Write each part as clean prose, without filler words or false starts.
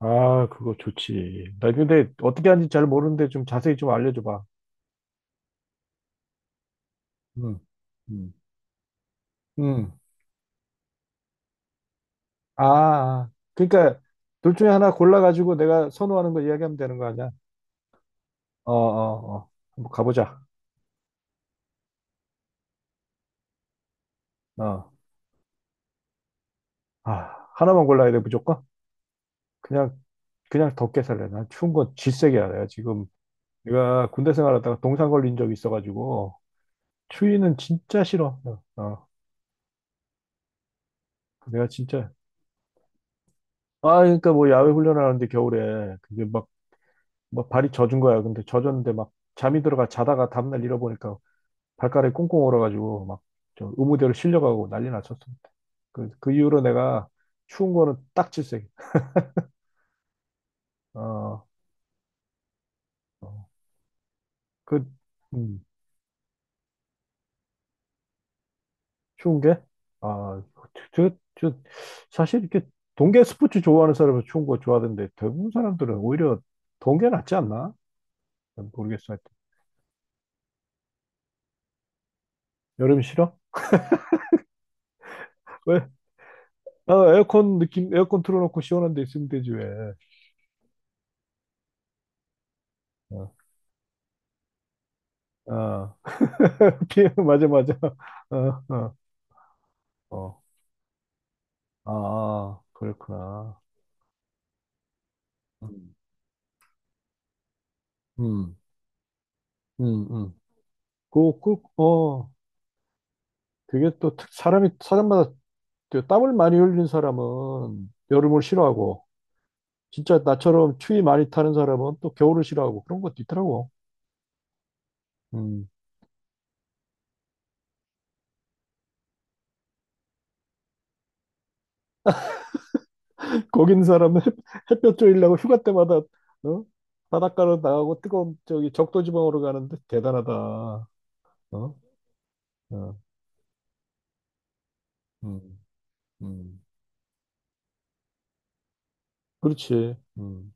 아, 그거 좋지. 나 근데 어떻게 하는지 잘 모르는데 좀 자세히 좀 알려줘봐. 응, 응, 응. 아, 아. 그러니까 둘 중에 하나 골라가지고 내가 선호하는 거 이야기하면 되는 거 아니야? 어, 어, 어. 한번 가보자. 어. 아, 하나만 골라야 돼, 무조건? 그냥, 그냥 덥게 살래. 난 추운 건 질색이야. 내가 지금, 내가 군대 생활하다가 동상 걸린 적이 있어가지고, 추위는 진짜 싫어. 어. 어. 내가 진짜. 아, 그러니까 뭐 야외 훈련하는데 겨울에, 근데 막 뭐 발이 젖은 거야. 근데 젖었는데 막 잠이 들어가 자다가 다음날 잃어보니까 발가락이 꽁꽁 얼어가지고 막저 의무대로 실려가고 난리 났었어. 그 이후로 내가 추운 거는 딱 질색. 어, 어, 그, 음, 추운 게? 아, 저, 저, 사실 이렇게 동계 스포츠 좋아하는 사람은 추운 거 좋아하던데 대부분 사람들은 오히려 동계 낫지 않나? 난 모르겠어. 하여튼. 여름 싫어? 왜? 아, 에어컨 느낌, 에어컨 틀어놓고 시원한 데 있으면 되지, 왜. 어. 어. 피, 맞아, 맞아. 어, 어, 어. 아, 그렇구나. 음. 음, 음, 음. 그, 어, 그게 또 사람이, 사람마다 그 땀을 많이 흘린 사람은 여름을 싫어하고, 진짜 나처럼 추위 많이 타는 사람은 또 겨울을 싫어하고, 그런 것도 있더라고. 음. 거기 있는 사람은 햇볕 쬐려고 휴가 때마다, 어? 바닷가로 나가고 뜨거운 저기 적도 지방으로 가는데 대단하다. 어? 어. 음, 음. 그렇지. 음.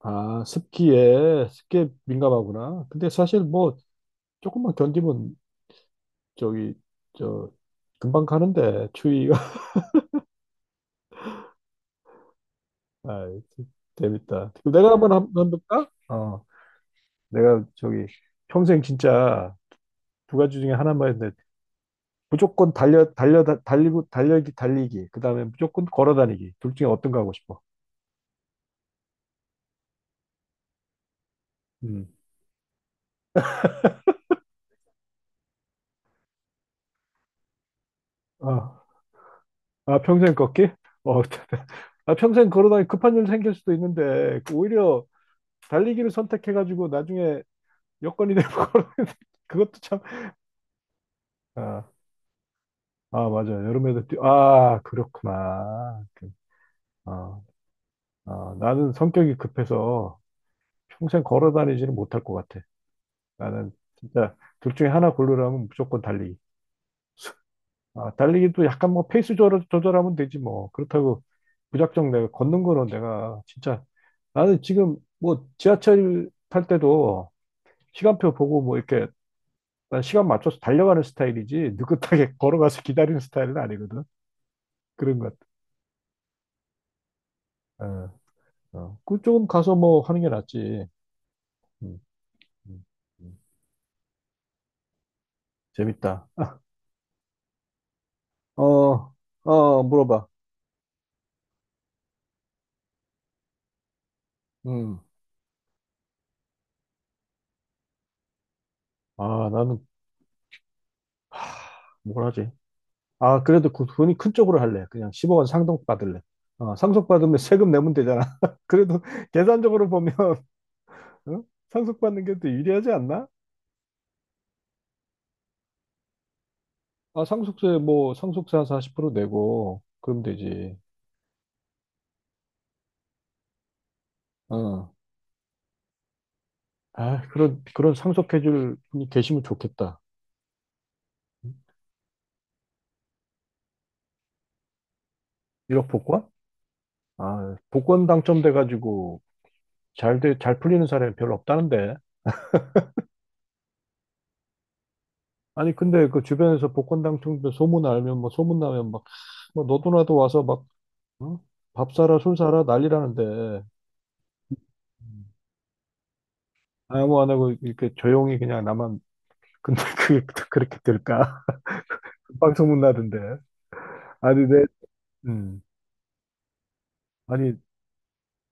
아, 습기에 민감하구나. 근데 사실 뭐, 조금만 견디면, 저기, 저, 금방 가는데, 추위가. 아, 재밌다. 그럼 내가 한번 한번 볼까? 어, 내가 저기, 평생 진짜 두 가지 중에 하나만 했는데, 무조건 달려, 달려, 달리고, 달리기, 달리기. 그 다음에 무조건 걸어 다니기. 둘 중에 어떤 거 하고 싶어? 음. 아, 아, 평생 걷기? 어, 아, 평생 걸어 다니 급한 일 생길 수도 있는데, 그 오히려, 달리기를 선택해가지고 나중에 여건이 되면 걸 그것도 참. 아, 아 맞아. 여름에도 뛰. 아, 그렇구나. 그, 아, 아, 나는 성격이 급해서 평생 걸어 다니지는 못할 것 같아. 나는 진짜 둘 중에 하나 고르라면 무조건 달리기. 아, 달리기도 약간 뭐 페이스 조절하면 되지 뭐. 그렇다고 무작정 내가 걷는 거는 내가 진짜 나는 지금 뭐 지하철 탈 때도 시간표 보고 뭐 이렇게 난 시간 맞춰서 달려가는 스타일이지 느긋하게 걸어가서 기다리는 스타일은 아니거든. 그런 것 같아. 어, 어. 그쪽은 가서 뭐 하는 게 낫지. 음, 음, 음. 재밌다. 어, 어, 물어봐. 음. 아, 나는 뭘 하지? 아, 그래도 그 돈이 큰 쪽으로 할래. 그냥 10억 원 상속 받을래. 어, 상속 받으면 세금 내면 되잖아. 그래도 계산적으로 보면 응? 상속 받는 게 더 유리하지 않나? 아, 상속세 뭐 상속세 한 40% 내고 그럼 되지. 어. 아, 그런 상속해줄 분이 계시면 좋겠다. 1억 복권? 아, 복권 당첨돼가지고 잘 풀리는 사람이 별로 없다는데. 아니, 근데 그 주변에서 복권 당첨돼 소문 나면 막, 뭐 너도 나도 와서 막, 어? 밥 사라, 술 사라 난리라는데. 음. 아무 안 하고 이렇게 조용히 그냥 나만, 근데 그게 또 그렇게 될까? 빵 소문 나던데. 아니, 내, 음. 아니,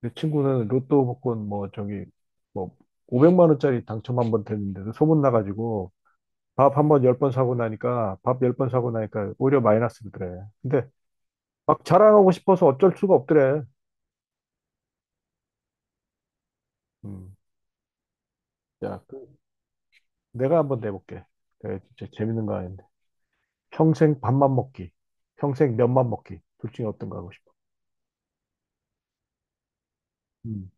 내 친구는 로또 복권 뭐 저기 뭐 500만 원짜리 당첨 한 번 됐는데도 소문 나가지고 밥 열 번 사고 나니까 오히려 마이너스더래. 근데 막 자랑하고 싶어서 어쩔 수가 없더래. 음. 야, 그 내가 한번 내볼게. 내가 진짜 재밌는 거 아닌데. 평생 밥만 먹기, 평생 면만 먹기. 둘 중에 어떤 거 하고 싶어? 음.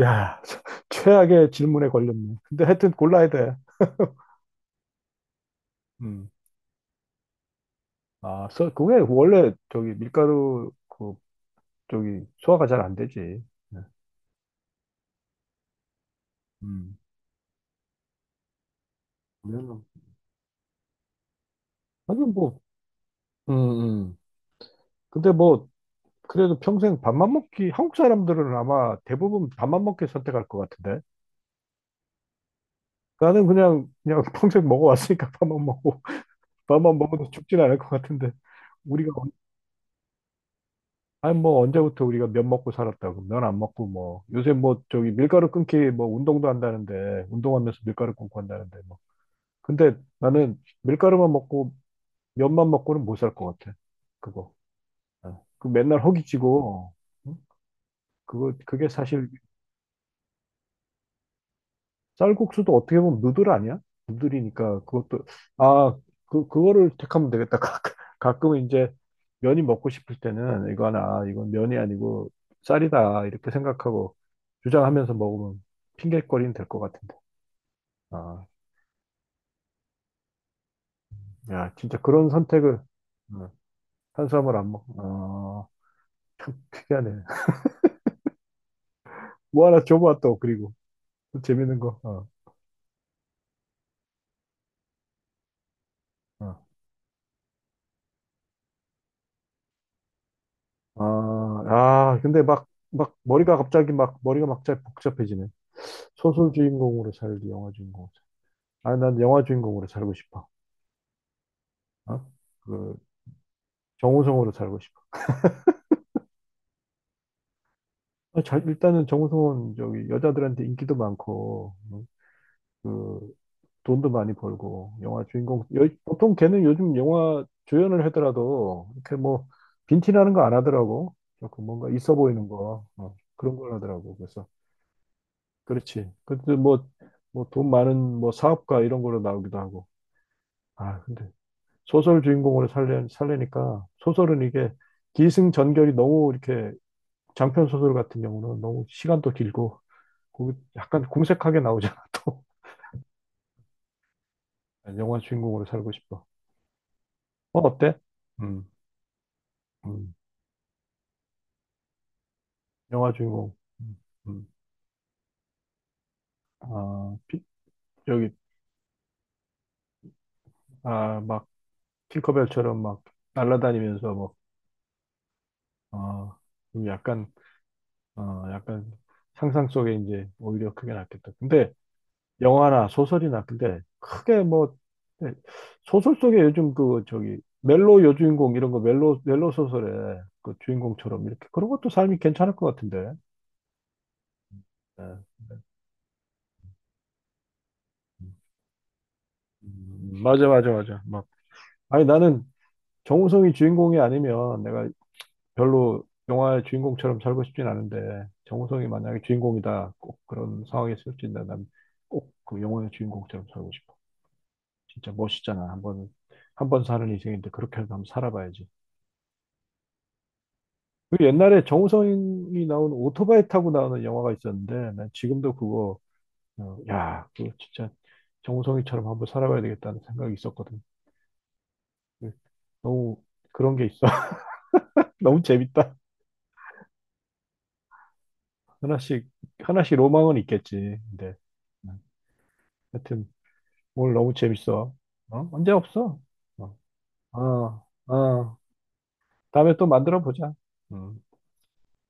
야, 최악의 질문에 걸렸네. 근데 하여튼 골라야 돼. 음. 아, 써, 그게 원래 저기 밀가루 그 저기 소화가 잘 안 되지. 네. 음, 그래서, 아니 뭐, 음, 음. 근데 뭐 그래도 평생 밥만 먹기 한국 사람들은 아마 대부분 밥만 먹기 선택할 것 같은데 나는 그냥 평생 먹어왔으니까 밥만 먹고 밥만 먹어도 죽진 않을 것 같은데 우리가 언- 아니 뭐 언제부터 우리가 면 먹고 살았다고 면 안 먹고 뭐 요새 뭐 저기 밀가루 끊기 뭐 운동도 한다는데 운동하면서 밀가루 끊고 한다는데 뭐 근데 나는 밀가루만 먹고 면만 먹고는 못 살 것 같아 그거 어, 그 맨날 허기지고 응? 그거 그게 사실 쌀국수도 어떻게 보면 누들 아니야? 누들이니까 그것도 아 그 그거를 택하면 되겠다. 가끔, 가끔 이제 면이 먹고 싶을 때는 이거 하나 아, 이건 면이 아니고 쌀이다 이렇게 생각하고 주장하면서 먹으면 핑계거리는 될 것 같은데. 아, 야 진짜 그런 선택을 어, 탄수화물 안 먹. 어, 참 특이하네. 뭐 하나 줘봐 또 그리고 또 재밌는 거. 어, 어. 아, 아, 근데 막, 머리가 갑자기 막, 머리가 막 잘 복잡해지네. 소설 주인공으로 살기, 영화 주인공으로 살 아, 난 영화 주인공으로 살고 싶어. 어? 그, 정우성으로 살고 싶어. 아, 잘, 일단은 정우성은 저기 여자들한테 인기도 많고, 어? 그, 돈도 많이 벌고, 영화 주인공, 보통 걔는 요즘 영화 조연을 하더라도, 이렇게 뭐, 빈티나는 거 안 하더라고. 조금 뭔가 있어 보이는 거, 어, 그런 걸 하더라고. 그래서. 그렇지. 근데 뭐, 돈 많은 뭐 사업가 이런 거로 나오기도 하고. 아, 근데 소설 주인공으로 살리니까 소설은 이게 기승전결이 너무 이렇게 장편 소설 같은 경우는 너무 시간도 길고 약간 궁색하게 나오잖아, 또. 영화 주인공으로 살고 싶어. 어, 어때? 음, 음. 영화 주인공. 음, 음. 아, 여기, 아, 막, 팅커벨처럼 막 날아다니면서 뭐, 어, 좀 약간 어, 약간 상상 속에 이제 오히려 그게 낫겠다. 근데 영화나 소설이나 근데 크게 뭐 네, 소설 속에 요즘 그 저기 멜로 여주인공 이런 거 멜로 멜로 소설에 그 주인공처럼 이렇게 그런 것도 삶이 괜찮을 것 같은데. 네. 맞아 맞아 맞아. 막 아니 나는 정우성이 주인공이 아니면 내가 별로 영화의 주인공처럼 살고 싶진 않은데 정우성이 만약에 주인공이다 꼭 그런 상황에 쓰여진다면 꼭 그 영화의 주인공처럼 살고 싶어. 진짜 멋있잖아. 한번 한 번 사는 인생인데 그렇게라도 한번 살아봐야지. 그 옛날에 정우성이 나온 오토바이 타고 나오는 영화가 있었는데 난 지금도 그거 어, 야, 그거 진짜 정우성이처럼 한번 살아봐야 되겠다는 생각이 있었거든. 그 너무 그런 게 있어. 너무 재밌다. 하나씩 하나씩 로망은 있겠지. 근데 음, 하여튼 오늘 너무 재밌어. 어? 언제 없어? 어, 어. 어. 다음에 또 만들어 보자. 음.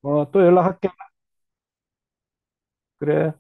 어, 또 연락할게. 그래.